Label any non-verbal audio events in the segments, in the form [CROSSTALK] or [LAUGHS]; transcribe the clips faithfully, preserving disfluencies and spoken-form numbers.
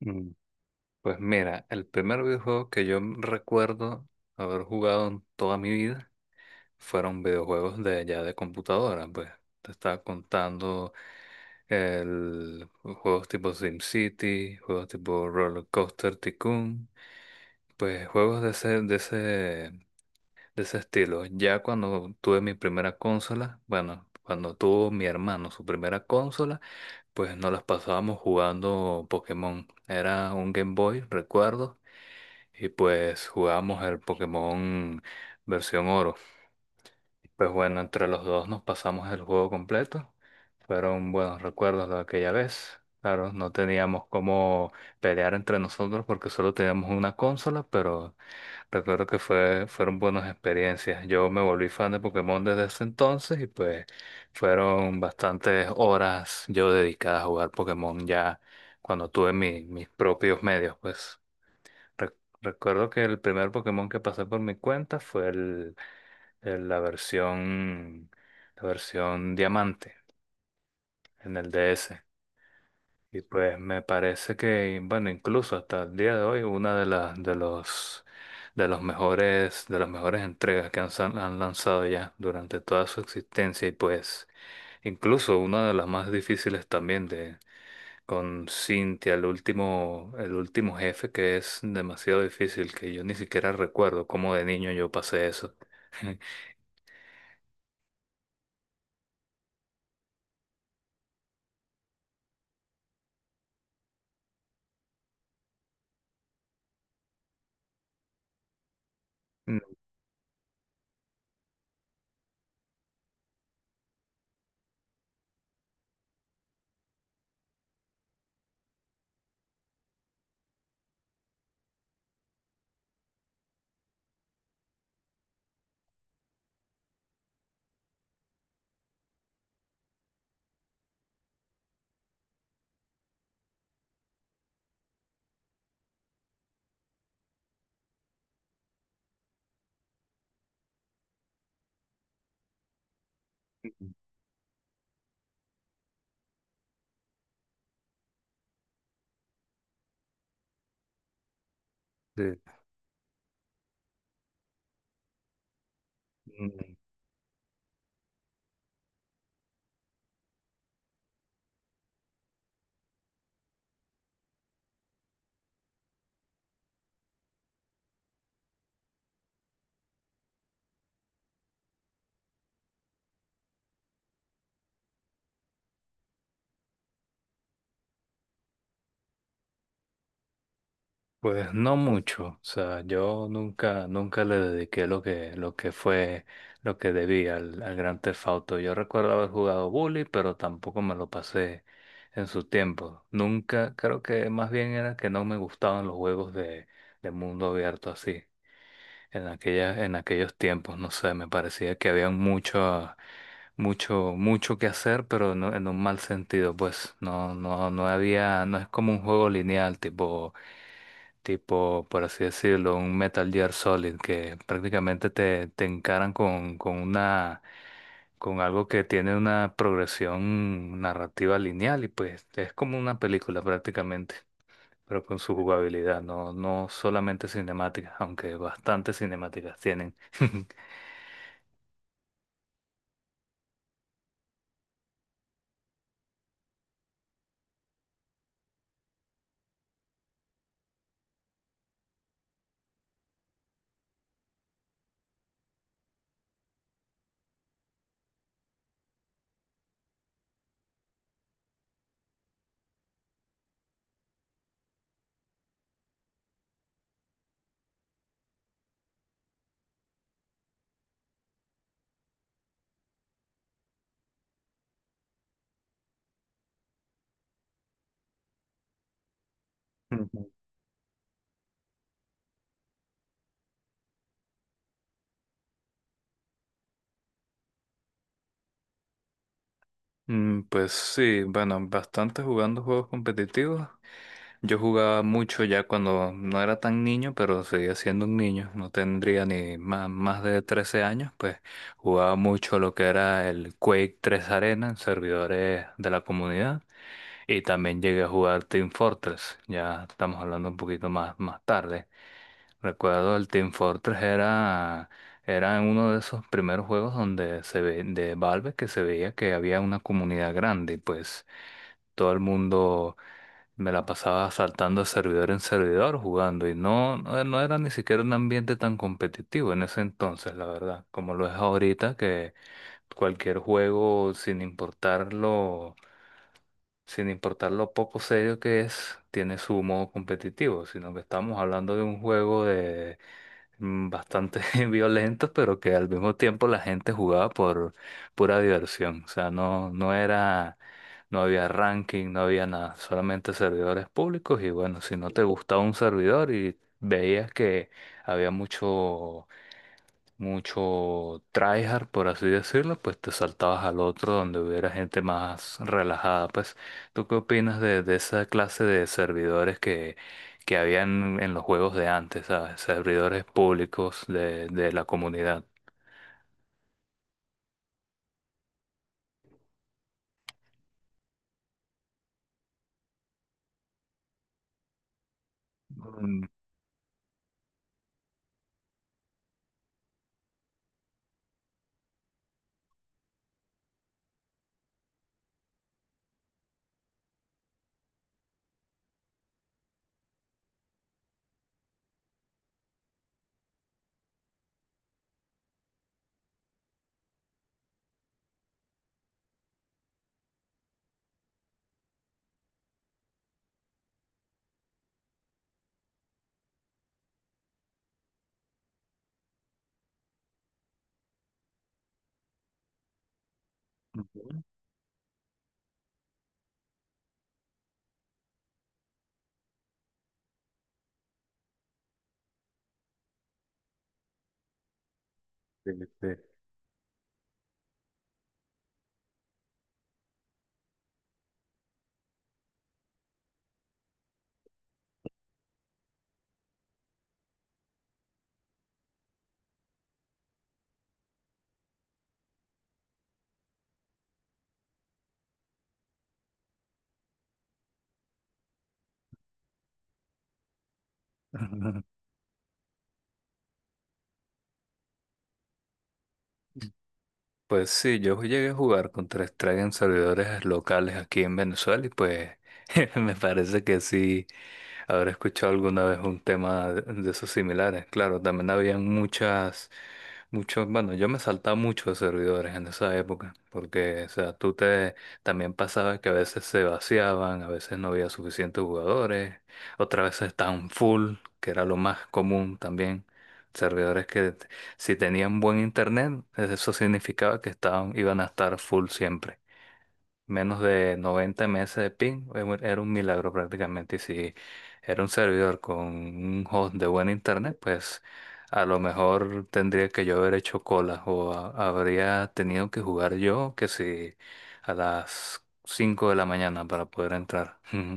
Mm, Pues mira, el primer videojuego que yo m- recuerdo haber jugado en toda mi vida fueron videojuegos de ya de computadora, pues te estaba contando el juegos tipo SimCity, juegos tipo Roller Coaster Tycoon, pues juegos de ese de ese de ese estilo. Ya cuando tuve mi primera consola, bueno, cuando tuvo mi hermano su primera consola, pues nos las pasábamos jugando Pokémon. Era un Game Boy, recuerdo, y pues jugamos el Pokémon versión oro. Pues bueno, entre los dos nos pasamos el juego completo. Fueron buenos recuerdos de aquella vez. Claro, no teníamos cómo pelear entre nosotros porque solo teníamos una consola, pero recuerdo que fue, fueron buenas experiencias. Yo me volví fan de Pokémon desde ese entonces y pues fueron bastantes horas yo dedicadas a jugar Pokémon ya cuando tuve mi- mis propios medios, pues. Re- Recuerdo que el primer Pokémon que pasé por mi cuenta fue el, el- la versión, la versión diamante en el D S. Y pues me parece que, bueno, incluso hasta el día de hoy, una de las de los de los mejores, de las mejores entregas que han, san- han lanzado ya durante toda su existencia. Y pues incluso una de las más difíciles también, con Cintia, el último, el último jefe, que es demasiado difícil, que yo ni siquiera recuerdo cómo de niño yo pasé eso. [LAUGHS] Mm, de- mm, Pues no mucho, o sea, yo nunca, nunca le dediqué lo que, lo que fue, lo que debía al, al Grand Theft Auto. Yo recuerdo haber jugado Bully, pero tampoco me lo pasé en su tiempo. Nunca, creo que más bien era que no me gustaban los juegos de, de mundo abierto así. En aquella, en aquellos tiempos, no sé, me parecía que había mucho, mucho, mucho que hacer, pero no, en un mal sentido, pues no, no, no había, no es como un juego lineal, tipo, tipo, por así decirlo, un Metal Gear Solid, que prácticamente te, te encaran con, con una, con algo que tiene una progresión narrativa lineal, y pues es como una película prácticamente, pero con su jugabilidad, no, no solamente cinemáticas, aunque bastantes cinemáticas tienen. [LAUGHS] Ujú. Mm, Pues sí, bueno, bastante jugando juegos competitivos. Yo jugaba mucho ya cuando no era tan niño, pero seguía siendo un niño. No tendría ni más, más de trece años, pues jugaba mucho lo que era el Quake tres Arena en servidores de la comunidad. Y también llegué a jugar Team Fortress. Ya estamos hablando un poquito más, más tarde. Recuerdo, el Team Fortress era, era uno de esos primeros juegos donde se ve, de Valve, que se veía que había una comunidad grande, y pues todo el mundo me la pasaba saltando de servidor en servidor jugando, y no, no, no era ni siquiera un ambiente tan competitivo en ese entonces, la verdad, como lo es ahorita, que cualquier juego, sin importarlo sin importar lo poco serio que es, tiene su modo competitivo, sino que estamos hablando de un juego de mm, bastante [LAUGHS] violento, pero que al mismo tiempo la gente jugaba por pura diversión. O sea, no, no era, no había ranking, no había nada, solamente servidores públicos, y bueno, si no te gustaba un servidor y veías que había mucho mucho tryhard, por así decirlo, pues te saltabas al otro donde hubiera gente más relajada. Pues, ¿tú qué opinas de, de esa clase de servidores que, que habían en los juegos de antes, ¿sabes? Servidores públicos de, de la comunidad. Mm, ujú. Sí, sí. [LAUGHS] Pues sí, yo llegué a jugar contra strike en servidores locales aquí en Venezuela, y pues [LAUGHS] me parece que sí habré escuchado alguna vez un tema de, de esos similares. Claro, también habían muchas, muchos, bueno, yo me saltaba muchos servidores en esa época porque, o sea, tú te, también pasaba que a veces se vaciaban, a veces no había suficientes jugadores, otras veces estaban full, que era lo más común también, servidores que si tenían buen internet, eso significaba que estaban, iban a estar full siempre. Menos de noventa ms de ping era un era un milagro prácticamente. Y si era un servidor con un host de buen internet, pues a lo mejor tendría que yo haber hecho cola, o a- habría tenido que jugar yo, que si a las cinco de la mañana, para poder entrar. [LAUGHS]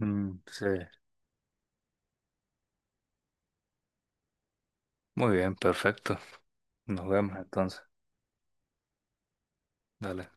Mm, sí. Muy bien, perfecto. Nos vemos entonces. Dale.